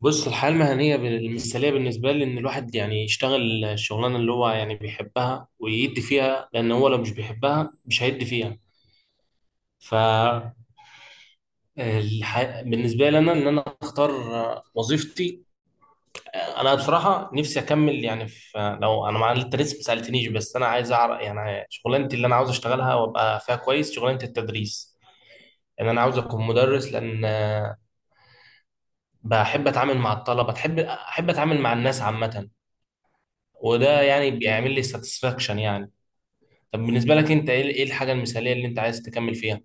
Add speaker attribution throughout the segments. Speaker 1: بص، الحياة المهنية المثالية بالنسبة لي إن الواحد يعني يشتغل الشغلانة اللي هو يعني بيحبها ويدي فيها، لأن هو لو مش بيحبها مش هيدي فيها. ف بالنسبة لي أنا إن أنا أختار وظيفتي. أنا بصراحة نفسي أكمل يعني في، لو أنا مع أنت لسه ما سألتنيش، بس أنا عايز أعرف يعني شغلانتي اللي أنا عاوز أشتغلها وأبقى فيها كويس، شغلانة التدريس، لأن أنا عاوز أكون مدرس، لأن بحب أتعامل مع الطلبة، بحب أتعامل مع الناس عامة. وده يعني بيعمل لي ساتسفاكشن يعني. طب بالنسبة لك انت، ايه الحاجة المثالية اللي انت عايز تكمل فيها؟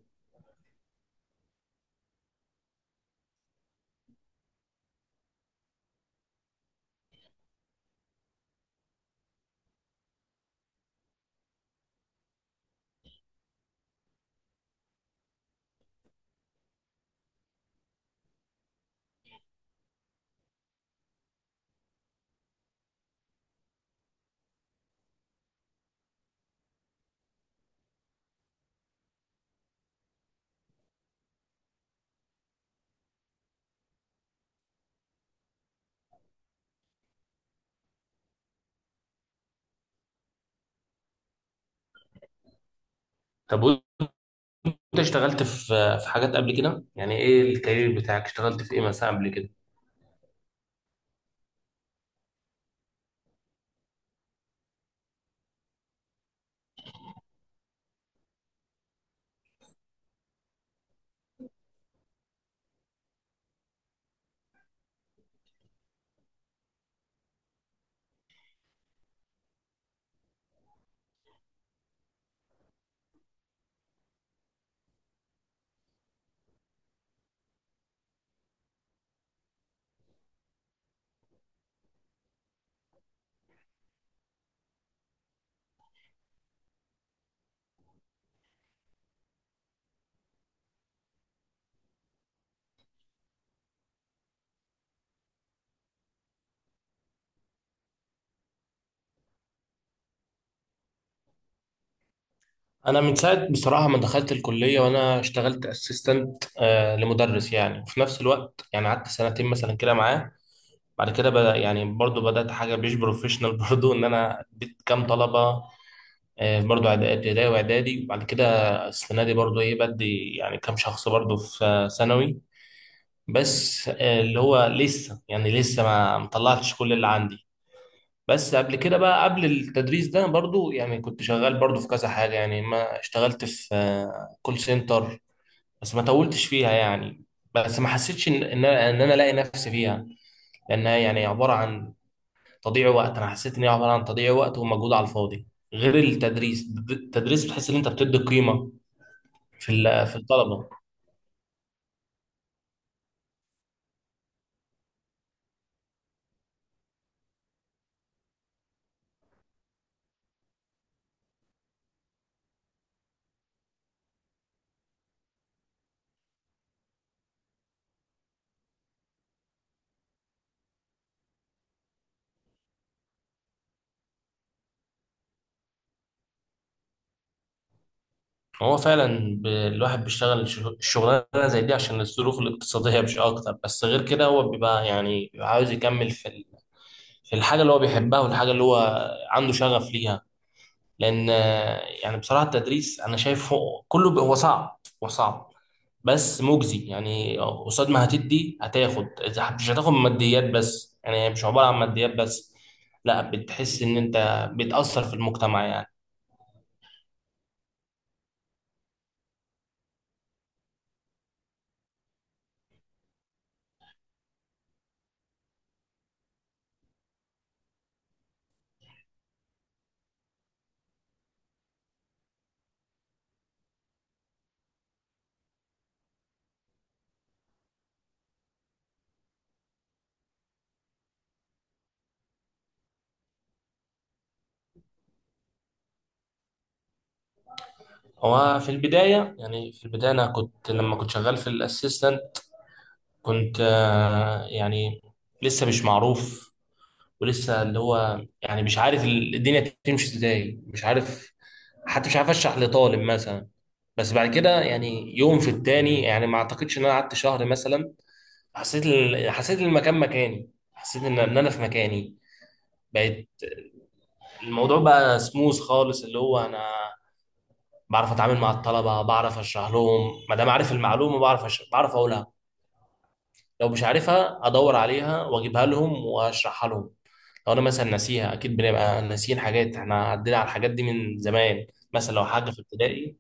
Speaker 1: طب وانت اشتغلت في حاجات قبل كده، يعني ايه الكارير بتاعك؟ اشتغلت في ايه مثلا قبل كده؟ انا من ساعة بصراحة ما دخلت الكلية وانا اشتغلت اسيستنت لمدرس يعني، وفي نفس الوقت يعني قعدت سنتين مثلا كده معاه. بعد كده بدأ يعني برضو بدأت حاجة مش بروفيشنال برضو ان انا اديت كام طلبة، برضو ابتدائي واعدادي. وبعد كده السنة دي برضو ايه بدي يعني كام شخص برضو في ثانوي. بس اللي هو لسه، يعني لسه ما مطلعتش كل اللي عندي. بس قبل كده، بقى قبل التدريس ده برضو يعني كنت شغال برضو في كذا حاجة يعني. ما اشتغلت في كول سنتر، بس ما طولتش فيها يعني، بس ما حسيتش ان ان انا إن أنا الاقي نفسي فيها، لانها يعني عبارة عن تضييع وقت. انا حسيت ان هي عبارة عن تضييع وقت ومجهود على الفاضي. غير التدريس، التدريس بتحس ان انت بتدي قيمة في في الطلبة. هو فعلا الواحد بيشتغل شغلانه زي دي عشان الظروف الاقتصاديه مش اكتر، بس غير كده هو بيبقى يعني بيبقى عاوز يكمل في في الحاجه اللي هو بيحبها والحاجه اللي هو عنده شغف ليها. لان يعني بصراحه التدريس انا شايفه كله. هو صعب هو صعب، بس مجزي يعني. قصاد ما هتدي هتاخد، إذا مش هتاخد ماديات بس، يعني مش عباره عن ماديات بس، لا، بتحس ان انت بتاثر في المجتمع يعني. هو في البداية، يعني في البداية أنا كنت لما كنت شغال في الأسيستنت، كنت يعني لسه مش معروف، ولسه اللي هو يعني مش عارف الدنيا تمشي إزاي، مش عارف، حتى مش عارف أشرح لطالب مثلا. بس بعد كده يعني يوم في التاني، يعني ما أعتقدش إن أنا قعدت شهر مثلا، حسيت حسيت إن المكان مكاني، حسيت إن أنا في مكاني. بقيت، الموضوع بقى سموث خالص، اللي هو أنا بعرف اتعامل مع الطلبه، بعرف اشرح لهم، ما دام عارف المعلومه بعرف بعرف اقولها. لو مش عارفها ادور عليها واجيبها لهم واشرحها لهم. لو انا مثلا ناسيها، اكيد بنبقى ناسيين حاجات، احنا عدينا على الحاجات دي من زمان، مثلا لو حاجه في ابتدائي.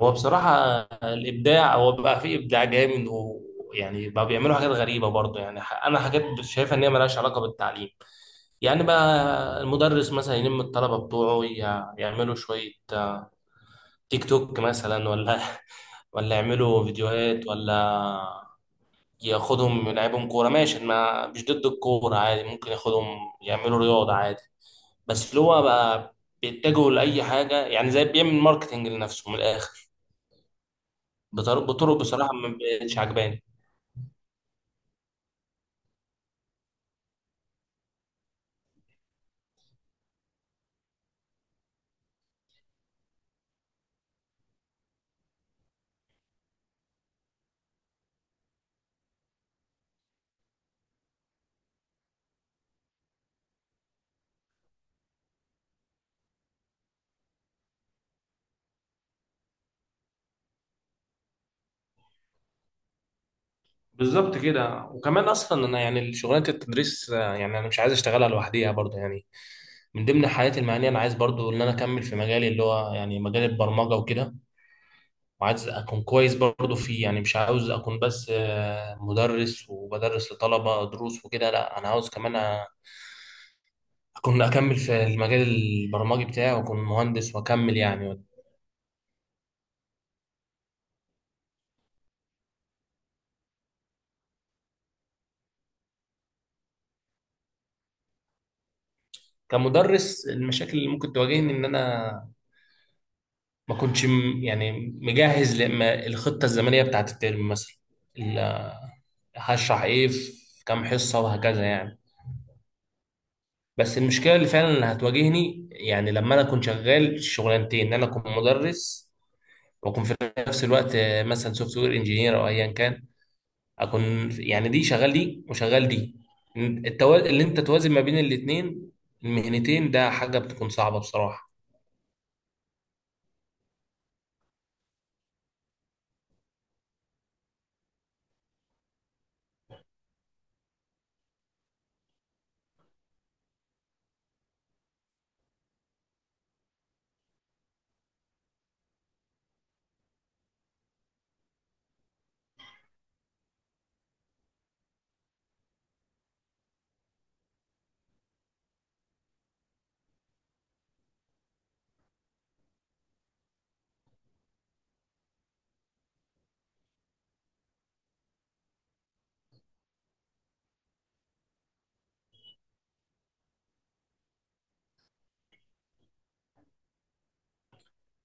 Speaker 1: هو بصراحه الابداع، هو بقى فيه ابداع جامد، ويعني بقى بيعملوا حاجات غريبه برضه يعني. انا حاجات شايفها ان هي ملهاش علاقه بالتعليم، يعني بقى المدرس مثلا يلم الطلبه بتوعه يعملوا شويه تيك توك مثلا، ولا ولا يعملوا فيديوهات، ولا ياخدهم يلعبهم كورة. ماشي، ما مش ضد الكورة، عادي، ممكن ياخدهم يعملوا رياضة عادي. بس اللي هو بقى بيتجهوا لأي حاجة، يعني زي بيعمل ماركتينج لنفسه من الآخر، بطرق بصراحة ما بقتش عجباني. بالظبط كده. وكمان اصلا انا يعني شغلانه التدريس، يعني انا مش عايز اشتغلها لوحديها برضه يعني. من ضمن حياتي المهنيه انا عايز برضه ان انا اكمل في مجالي، اللي هو يعني مجال البرمجه وكده، وعايز اكون كويس برضو فيه، يعني مش عاوز اكون بس مدرس وبدرس لطلبة دروس وكده، لا، انا عاوز كمان اكون اكمل في المجال البرمجي بتاعي، واكون مهندس واكمل يعني. كمدرس، المشاكل اللي ممكن تواجهني ان انا ما كنتش يعني مجهز لما الخطة الزمنية بتاعت الترم مثلا، ال- هشرح ايه في كام حصة وهكذا يعني. بس المشكلة اللي فعلا اللي هتواجهني يعني لما انا اكون شغال شغلانتين، ان انا اكون مدرس واكون في نفس الوقت مثلا سوفت وير انجينير او ايا كان. اكون يعني دي شغال دي وشغال دي، التوازن اللي انت توازن ما بين الاثنين المهنتين ده حاجه بتكون صعبه بصراحه.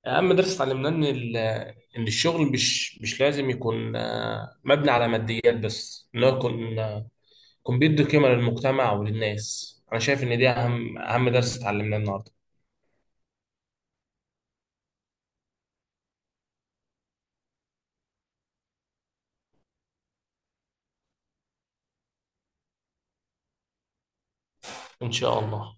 Speaker 1: اهم درس اتعلمناه ان ان الشغل مش مش لازم يكون مبني على ماديات بس، ان هو يكون يكون بيدي قيمه للمجتمع وللناس. انا شايف ان دي اهم اهم درس اتعلمناه النهارده. ان شاء الله.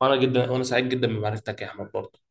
Speaker 1: وانا سعيد جدا بمعرفتك يا احمد برضه.